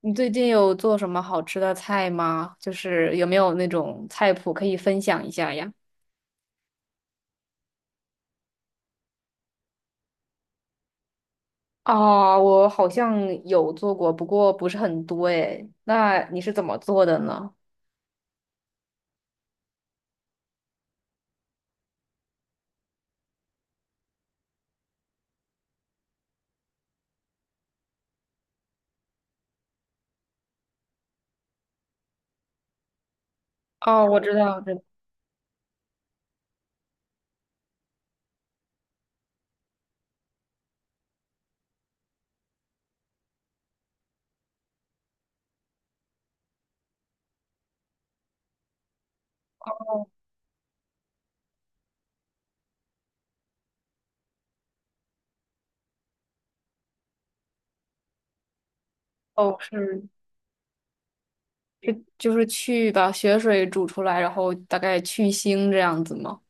你最近有做什么好吃的菜吗？就是有没有那种菜谱可以分享一下呀？啊，我好像有做过，不过不是很多诶。那你是怎么做的呢？哦，我知道，知道。哦，是是就是去把血水煮出来，然后大概去腥这样子吗？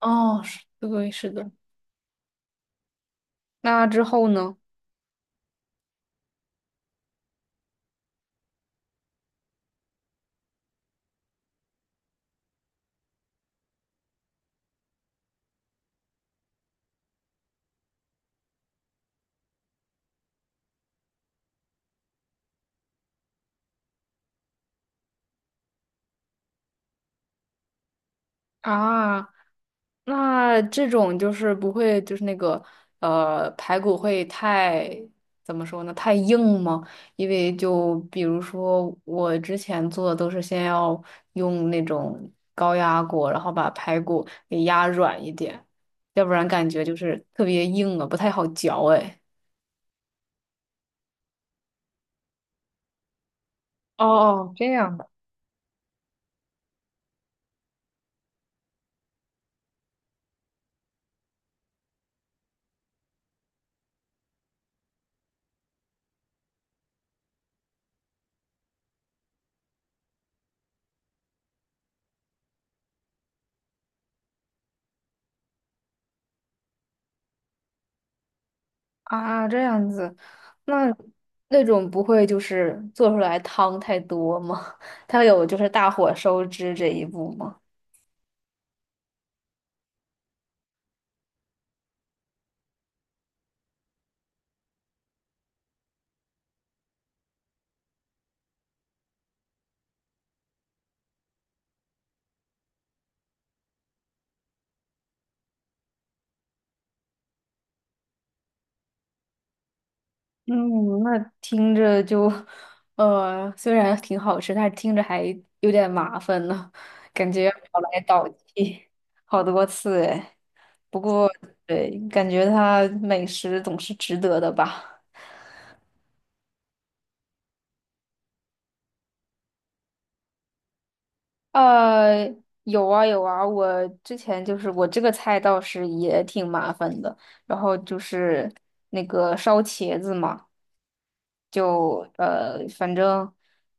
哦，是，对，是的。那之后呢？啊。那这种就是不会，就是那个排骨会太怎么说呢？太硬吗？因为就比如说我之前做的都是先要用那种高压锅，然后把排骨给压软一点，要不然感觉就是特别硬啊，不太好嚼哎。哦哦，这样的啊，这样子，那那种不会就是做出来汤太多吗？它有就是大火收汁这一步吗？嗯，那听着就，虽然挺好吃，但是听着还有点麻烦呢，感觉要倒来倒去好多次哎。不过，对，感觉它美食总是值得的吧？呃，有啊有啊，我之前就是我这个菜倒是也挺麻烦的，然后就是那个烧茄子嘛。就反正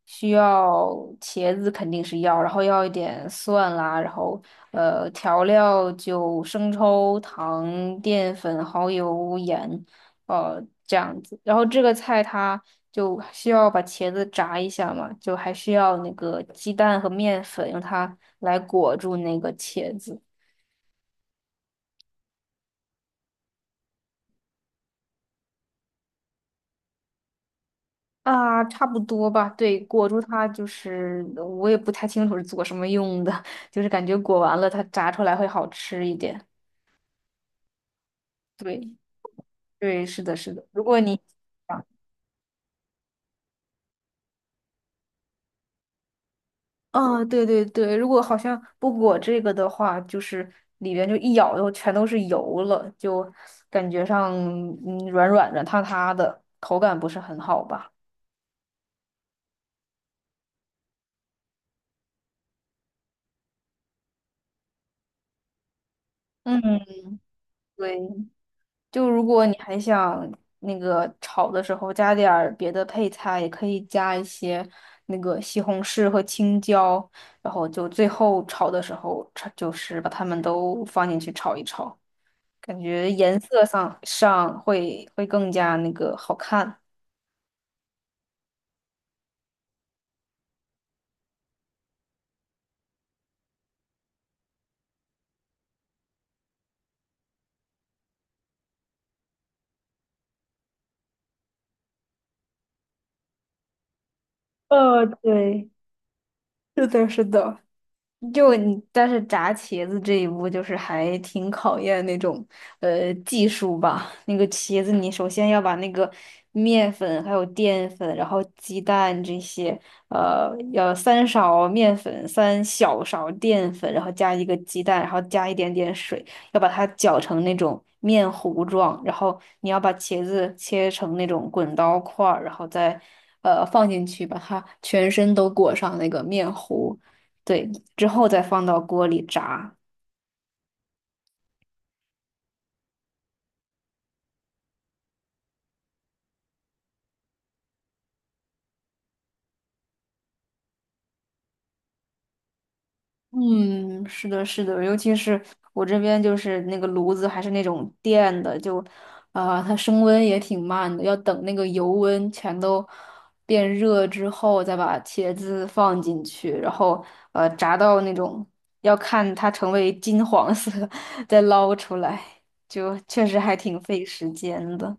需要茄子肯定是要，然后要一点蒜啦，然后调料就生抽、糖、淀粉、蚝油、盐，这样子。然后这个菜它就需要把茄子炸一下嘛，就还需要那个鸡蛋和面粉，用它来裹住那个茄子。啊，差不多吧。对，裹住它就是我也不太清楚是做什么用的，就是感觉裹完了它炸出来会好吃一点。对，对，是的，是的。如果你啊，啊对对对，如果好像不裹这个的话，就是里边就一咬就全都是油了，就感觉上嗯软软软塌塌的，口感不是很好吧？嗯，对。就如果你还想那个炒的时候加点儿别的配菜，也可以加一些那个西红柿和青椒，然后就最后炒的时候，炒就是把它们都放进去炒一炒，感觉颜色上会更加那个好看。对，是的，是的。就你，但是炸茄子这一步就是还挺考验那种技术吧。那个茄子，你首先要把那个面粉、还有淀粉，然后鸡蛋这些，呃，要三勺面粉、三小勺淀粉，然后加一个鸡蛋，然后加一点点水，要把它搅成那种面糊状。然后你要把茄子切成那种滚刀块儿，然后再放进去，把它全身都裹上那个面糊。对，之后再放到锅里炸。嗯，是的，是的，尤其是我这边就是那个炉子还是那种电的，就啊、它升温也挺慢的，要等那个油温全都变热之后，再把茄子放进去，然后炸到那种要看它成为金黄色，再捞出来，就确实还挺费时间的。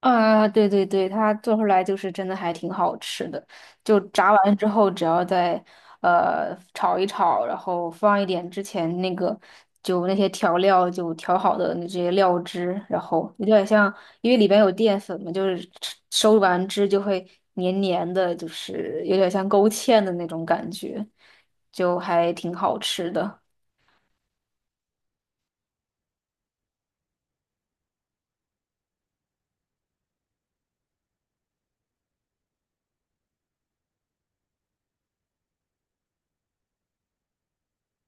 啊，对对对，它做出来就是真的还挺好吃的。就炸完之后，只要再炒一炒，然后放一点之前那个就那些调料就调好的那些料汁，然后有点像，因为里边有淀粉嘛，就是吃收完汁就会黏黏的，就是有点像勾芡的那种感觉，就还挺好吃的。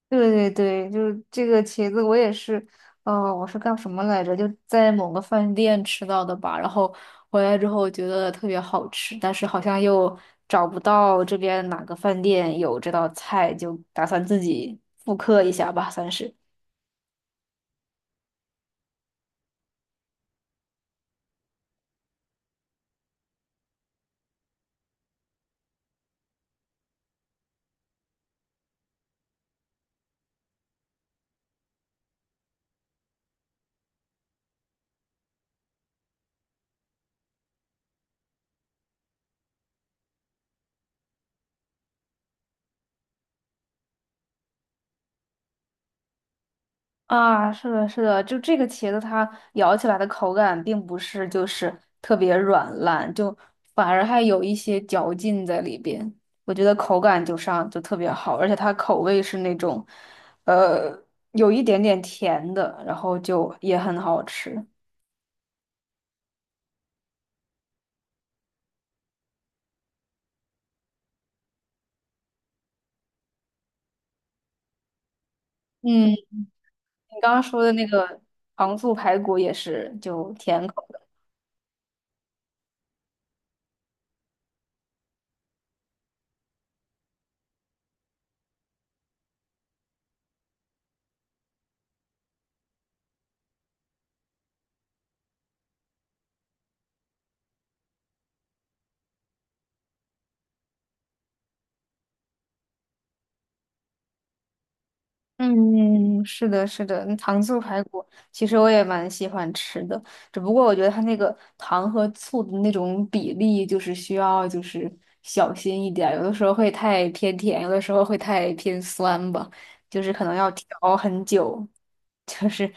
对对对，就是这个茄子，我也是，呃，我是干什么来着？就在某个饭店吃到的吧，然后回来之后觉得特别好吃，但是好像又找不到这边哪个饭店有这道菜，就打算自己复刻一下吧，算是。啊，是的，是的，就这个茄子它咬起来的口感并不是就是特别软烂，就反而还有一些嚼劲在里边。我觉得口感就上就特别好，而且它口味是那种，呃，有一点点甜的，然后就也很好吃。嗯，你刚刚说的那个糖醋排骨也是，就甜口。嗯，是的，是的，那糖醋排骨其实我也蛮喜欢吃的，只不过我觉得它那个糖和醋的那种比例，就是需要就是小心一点儿有的时候会太偏甜，有的时候会太偏酸吧，就是可能要调很久，就是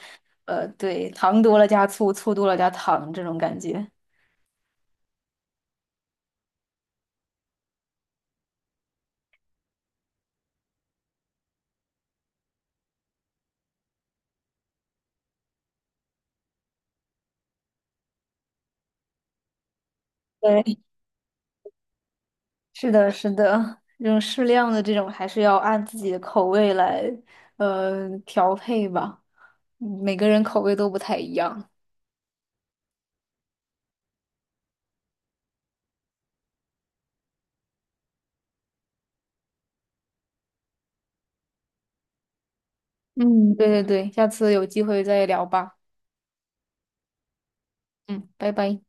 对，糖多了加醋，醋多了加糖这种感觉。是的，是的，这种适量的这种还是要按自己的口味来，调配吧。嗯每个人口味都不太一样。嗯，对对对，下次有机会再聊吧。嗯，拜拜。